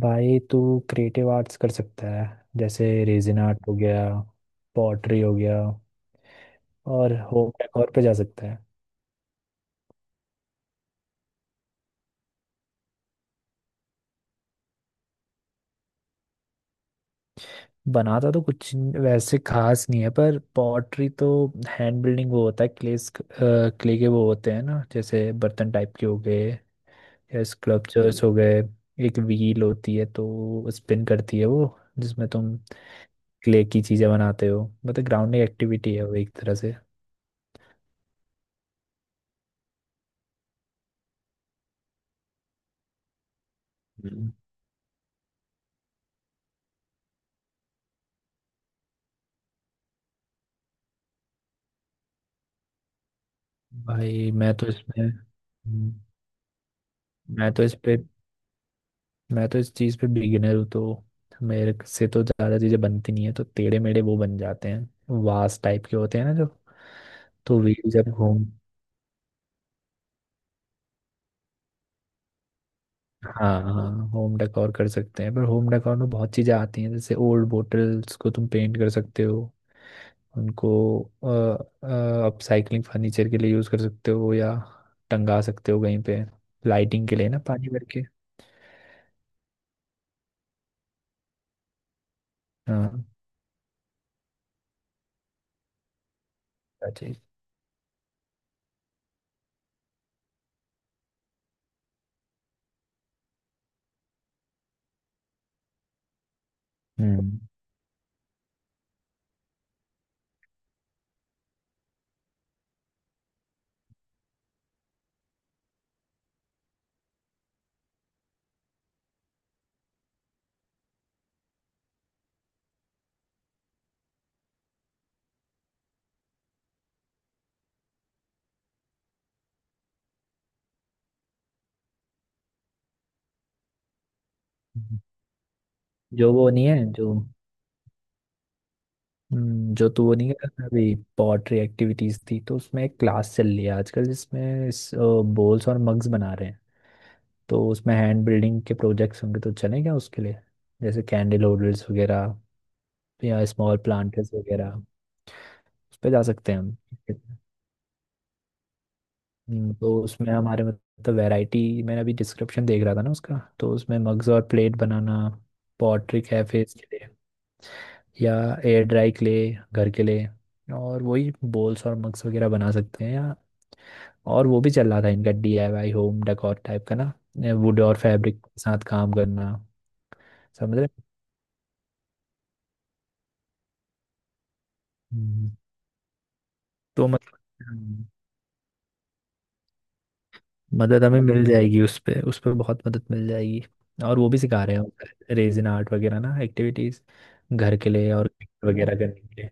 भाई तू creative arts कर सकता है। जैसे रेजिन आर्ट हो गया, पॉटरी हो गया और होम डेकोर पे जा सकता है। बनाता तो कुछ वैसे खास नहीं है, पर पॉटरी तो हैंड बिल्डिंग वो होता है। क्ले क्ले के वो होते हैं ना, जैसे बर्तन टाइप के हो गए या स्कल्पचर्स हो गए। एक व्हील होती है तो स्पिन करती है वो, जिसमें तुम क्ले की चीज़ें बनाते हो। मतलब ग्राउंडिंग एक्टिविटी है वो एक तरह से। हम्म। भाई मैं तो इसमें मैं तो इस पे मैं तो इस चीज़ पे बिगिनर हूँ, तो मेरे से तो ज़्यादा चीज़ें बनती नहीं है। तो टेढ़े मेढ़े वो बन जाते हैं, वास टाइप के होते हैं ना जो। तो व्हील जब होम। हाँ हाँ, होम डेकोर कर सकते हैं, पर होम डेकोर में बहुत चीज़ें आती हैं। जैसे ओल्ड बोटल्स को तुम पेंट कर सकते हो, उनको अपसाइकलिंग फर्नीचर के लिए यूज़ कर सकते हो या टंगा सकते हो कहीं पे लाइटिंग के लिए ना, पानी भर के। हाँ, अच्छा। हम्म जो वो नहीं है जो, जो तू वो नहीं कह रहा था अभी, पॉटरी एक्टिविटीज थी तो उसमें एक क्लास चल रही है आजकल जिसमें बोल्स और मग्स बना रहे हैं। तो उसमें हैंड बिल्डिंग के प्रोजेक्ट्स होंगे, तो चलें क्या उसके लिए। जैसे कैंडल होल्डर्स वगैरह या स्मॉल प्लांटर्स वगैरह। उस पर जा सकते हैं हम। तो उसमें हमारे मतलब वैरायटी, मैंने अभी डिस्क्रिप्शन देख रहा था ना उसका, तो उसमें मग्स और प्लेट बनाना, पॉटरी कैफेज या एयर ड्राई क्ले घर के लिए, और वही बोल्स और मग्स वगैरह बना सकते हैं। या और वो भी चल रहा था इनका, डीआईवाई होम डेकोर टाइप का ना, वुड और फैब्रिक के साथ काम करना। समझ रहे। हम्म। तो मतलब मदद हमें मिल जाएगी। उस पे बहुत मदद मिल जाएगी। और वो भी सिखा रहे हैं रेजिन आर्ट वगैरह ना, एक्टिविटीज घर के लिए और गिफ्ट वगैरह करने के लिए।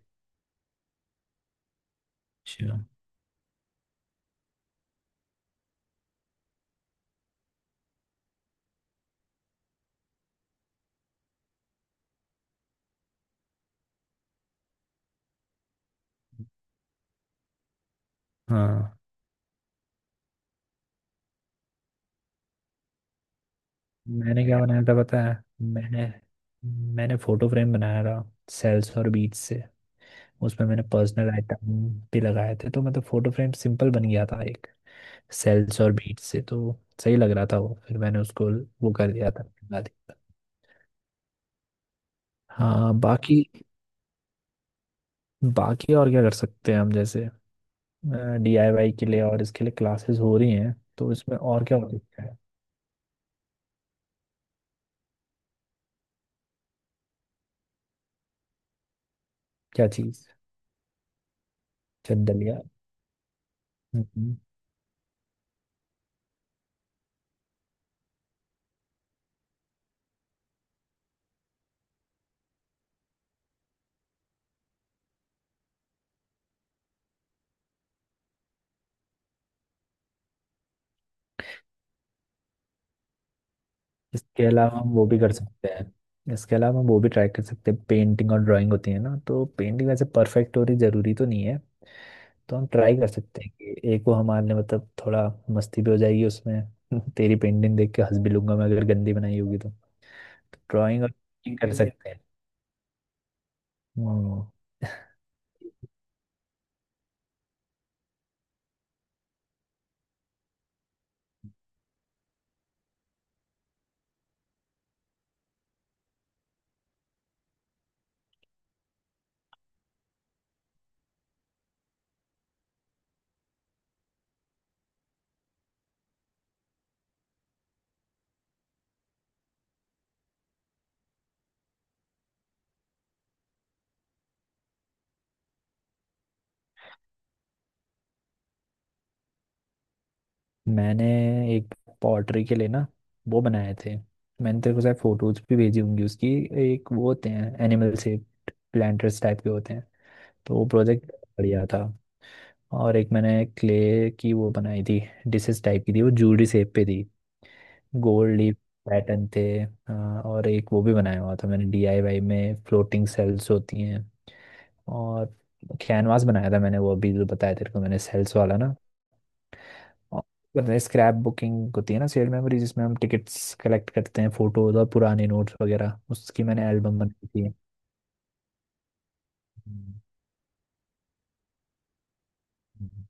अच्छा। हाँ, मैंने क्या बनाया था पता है? मैंने मैंने फोटो फ्रेम बनाया था सेल्स और बीज से। उसमें मैंने पर्सनल आइटम भी लगाए थे, तो मतलब फोटो फ्रेम सिंपल बन गया था एक, सेल्स और बीज से। तो सही लग रहा था वो। फिर मैंने उसको वो कर दिया था, बना दिया था। हाँ बाकी बाकी और क्या कर सकते हैं हम, जैसे डीआईवाई के लिए, और इसके लिए क्लासेस हो रही हैं तो इसमें और क्या हो सकता है। क्या चीज़? चंदलिया। इसके अलावा हम वो भी कर सकते हैं, इसके अलावा हम वो भी ट्राई कर सकते हैं, पेंटिंग और ड्राइंग होती है ना। तो पेंटिंग वैसे परफेक्ट हो रही जरूरी तो नहीं है। तो हम ट्राई कर सकते हैं कि एक वो हमारे मतलब थोड़ा मस्ती भी हो जाएगी उसमें। तेरी पेंटिंग देख के हंस भी लूंगा मैं, अगर गंदी बनाई होगी तो। ड्राइंग और पेंटिंग कर सकते हैं। हम्म, मैंने एक पॉटरी के लिए ना वो बनाए थे। मैंने तेरे को शायद फोटोज भी भेजी होंगी उसकी। एक वो होते हैं एनिमल शेप, प्लांटर्स टाइप के होते हैं। तो वो प्रोजेक्ट बढ़िया था। और एक मैंने क्ले की वो बनाई थी, डिशेस टाइप की थी वो, जूडी शेप पे थी। गोल्ड लीफ पैटर्न थे। हाँ, और एक वो भी बनाया हुआ था मैंने डीआईवाई में, फ्लोटिंग सेल्स होती हैं। और कैनवास बनाया था मैंने, वो अभी जो बताया तेरे को मैंने, सेल्स वाला ना। और स्क्रैप बुकिंग होती है ना, शेयर मेमोरी जिसमें हम टिकट्स कलेक्ट करते हैं, फोटोज और पुराने नोट्स वगैरह, उसकी मैंने एल्बम बनाई थी। हम्म,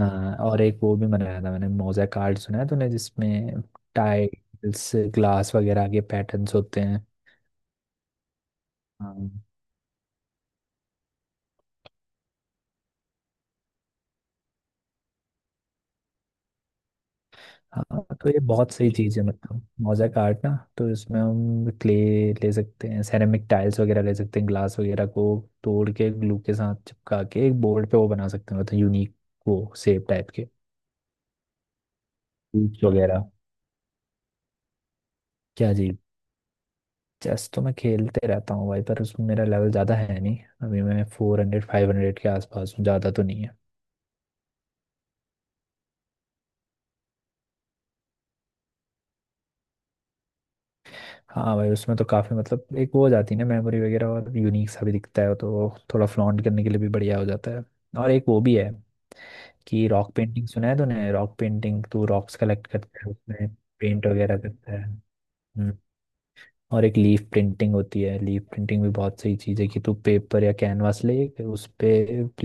हाँ, और एक वो भी बनाया था मैंने, मोज़ेक आर्ट सुना है तूने, जिसमें टाइल्स ग्लास वगैरह के पैटर्न्स होते हैं। हाँ हाँ, तो ये बहुत सही चीज़ है, मतलब मोज़ेक आर्ट ना। तो इसमें हम क्ले ले सकते हैं, सेरेमिक टाइल्स वगैरह ले सकते हैं, ग्लास वगैरह को तोड़ के ग्लू के साथ चिपका के एक बोर्ड पे वो बना सकते हैं, मतलब यूनिक वो सेप टाइप के। hoops वगैरह। क्या जी? चेस तो मैं खेलते रहता हूँ भाई, पर उसमें मेरा लेवल ज़्यादा है नहीं। अभी मैं 400 500 के आसपास हूँ, ज़्यादा तो नहीं है। हाँ भाई, उसमें तो काफ़ी मतलब एक वो हो जाती है ना, मेमोरी वगैरह, और यूनिक सा भी दिखता है, तो वो थोड़ा फ्लॉन्ट करने के लिए भी बढ़िया हो जाता है। और एक वो भी है कि रॉक पेंटिंग, सुना है तूने रॉक पेंटिंग? तू रॉक्स कलेक्ट करता है, उसमें पेंट वगैरह करता है। हम्म, और एक लीफ प्रिंटिंग होती है। लीफ प्रिंटिंग भी बहुत सही चीज़ है कि तू पेपर या कैनवास ले, कि उस पे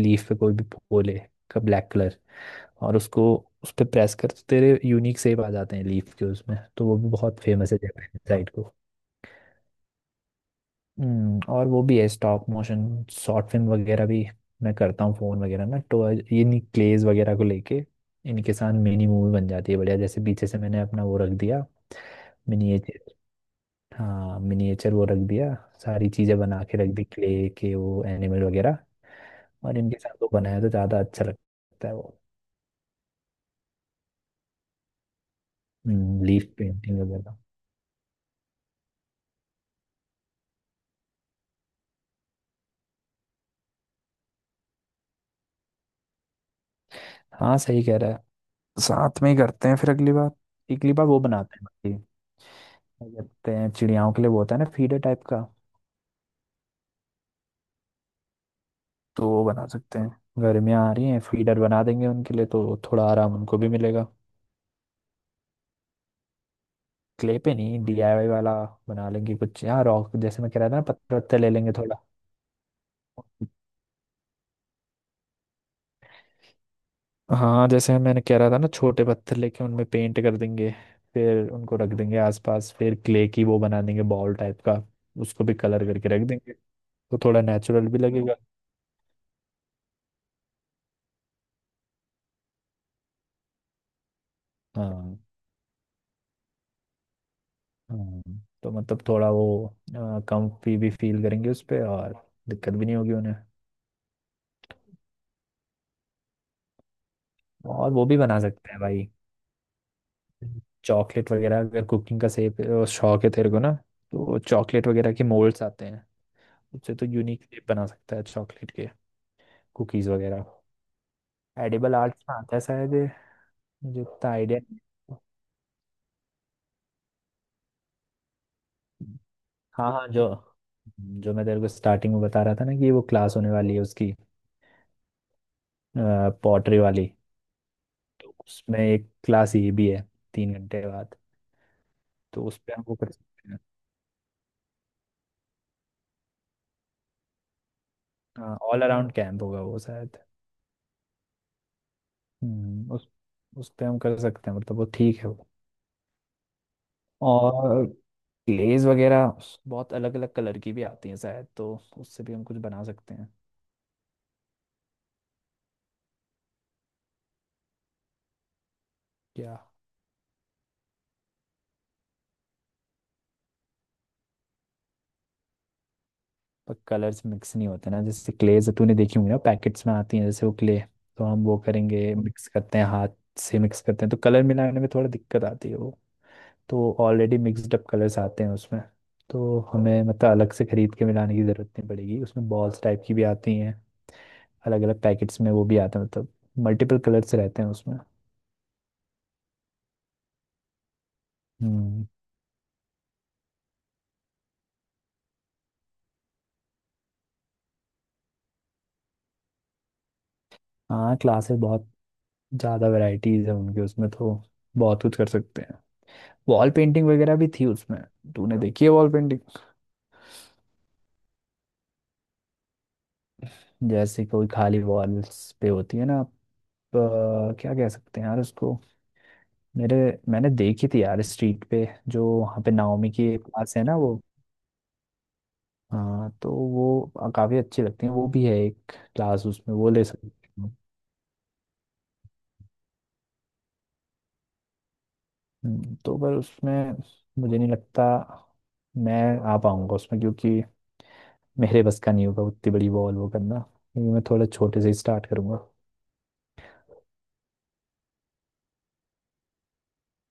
लीफ पे कोई भी वो ले, का ब्लैक कलर, और उसको उस पे प्रेस कर, तो तेरे यूनिक शेप आ जाते हैं लीफ के उसमें। तो वो भी बहुत फेमस है जापान साइड को। और वो भी है स्टॉप मोशन, शॉर्ट फिल्म वगैरह भी मैं करता हूँ फोन वगैरह ना। तो इन्हीं क्लेज वगैरह को लेके, इनके साथ मिनी मूवी बन जाती है बढ़िया। जैसे पीछे से मैंने अपना वो रख दिया मिनिएचर। हाँ मिनिएचर वो रख दिया, सारी चीज़ें बना के रख दी, क्ले के वो एनिमल वगैरह, और इनके साथ वो बनाया तो ज़्यादा अच्छा लगता है वो। लीफ पेंटिंग वगैरह। हाँ सही कह रहा है, साथ में ही करते हैं फिर अगली बार। अगली बार वो बनाते हैं बाकी। क्या कहते हैं चिड़ियाओं के लिए वो होता है ना, फीडर टाइप का। तो वो बना सकते हैं। गर्मियाँ आ रही हैं, फीडर बना देंगे उनके लिए, तो थोड़ा आराम उनको भी मिलेगा। क्ले पे नहीं, डीआईवाई वाला बना लेंगे कुछ। यहाँ रॉक, जैसे मैं कह रहा था ना, पत्थर वत्थर ले लेंगे थोड़ा। हाँ जैसे मैंने कह रहा था ना, छोटे पत्थर लेके उनमें पेंट कर देंगे, फिर उनको रख देंगे आसपास। फिर क्ले की वो बना देंगे बॉल टाइप का, उसको भी कलर करके रख देंगे। तो थोड़ा नेचुरल भी लगेगा। हाँ हाँ, तो मतलब थोड़ा वो, कंफी भी फील करेंगे उस पे, और दिक्कत भी नहीं होगी उन्हें। और वो भी बना सकते हैं भाई, चॉकलेट वगैरह, अगर कुकिंग का शौक है तेरे को ना। तो चॉकलेट वगैरह के मोल्ड्स आते हैं, उससे तो यूनिक शेप बना सकता है चॉकलेट के, कुकीज़ वगैरह। एडिबल आर्ट्स में आता है शायद ये, मुझे इतना आइडिया नहीं। हाँ हाँ, जो जो मैं तेरे को स्टार्टिंग में बता रहा था ना कि वो क्लास होने वाली है उसकी, पॉटरी वाली। तो उसमें एक क्लास ये भी है, 3 घंटे बाद। तो उस पे हम वो कर सकते हैं। हाँ, ऑल अराउंड कैंप होगा वो शायद। हम्म, उस उस पे हम कर सकते हैं, मतलब वो ठीक है। और क्लेज वगैरह बहुत अलग अलग कलर की भी आती हैं शायद, तो उससे भी हम कुछ बना सकते हैं। क्या? पर कलर्स मिक्स नहीं होते ना, जैसे क्लेज तूने देखी होंगी ना, पैकेट्स में आती हैं जैसे वो क्ले। तो हम वो करेंगे, मिक्स करते हैं हाथ से, मिक्स करते हैं तो कलर मिलाने में थोड़ा दिक्कत आती है वो। तो ऑलरेडी मिक्सड अप कलर्स आते हैं उसमें। तो हमें मतलब अलग से खरीद के मिलाने की ज़रूरत नहीं पड़ेगी उसमें। बॉल्स टाइप की भी आती हैं अलग अलग पैकेट्स में, वो भी आते हैं मतलब मल्टीपल कलर्स रहते हैं उसमें। हम्म। हाँ, क्लासेस बहुत ज़्यादा वैरायटीज है उनके, उसमें तो बहुत कुछ कर सकते हैं। वॉल पेंटिंग वगैरह भी थी उसमें। तूने देखी है वॉल पेंटिंग? जैसे कोई खाली वॉल्स पे होती है ना आप, क्या कह सकते हैं यार उसको। मेरे मैंने देखी थी यार स्ट्रीट पे, जो वहाँ पे नाओमी की एक क्लास है ना वो। हाँ तो वो काफी अच्छी लगती है। वो भी है एक क्लास उसमें, वो ले सकते हैं। तो पर उसमें मुझे नहीं लगता मैं आ पाऊंगा उसमें, क्योंकि मेरे बस का नहीं होगा उतनी बड़ी वॉल वो करना, क्योंकि मैं थोड़ा छोटे से ही स्टार्ट करूंगा।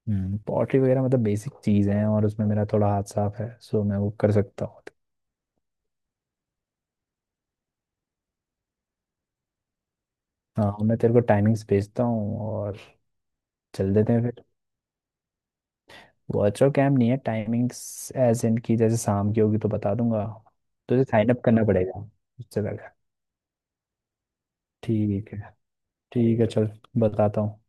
हम्म, पॉटरी वगैरह मतलब बेसिक चीज़ है, और उसमें मेरा थोड़ा हाथ साफ है, सो मैं वो कर सकता हूँ। हाँ, और मैं तेरे को टाइमिंग्स भेजता हूँ, और चल देते हैं फिर। वर्चुअल कैम्प नहीं है, टाइमिंग्स एज इन की, जैसे शाम की होगी तो बता दूंगा। तुझे साइन अप करना पड़ेगा उससे पहले। ठीक है। ठीक है चल, बताता हूँ।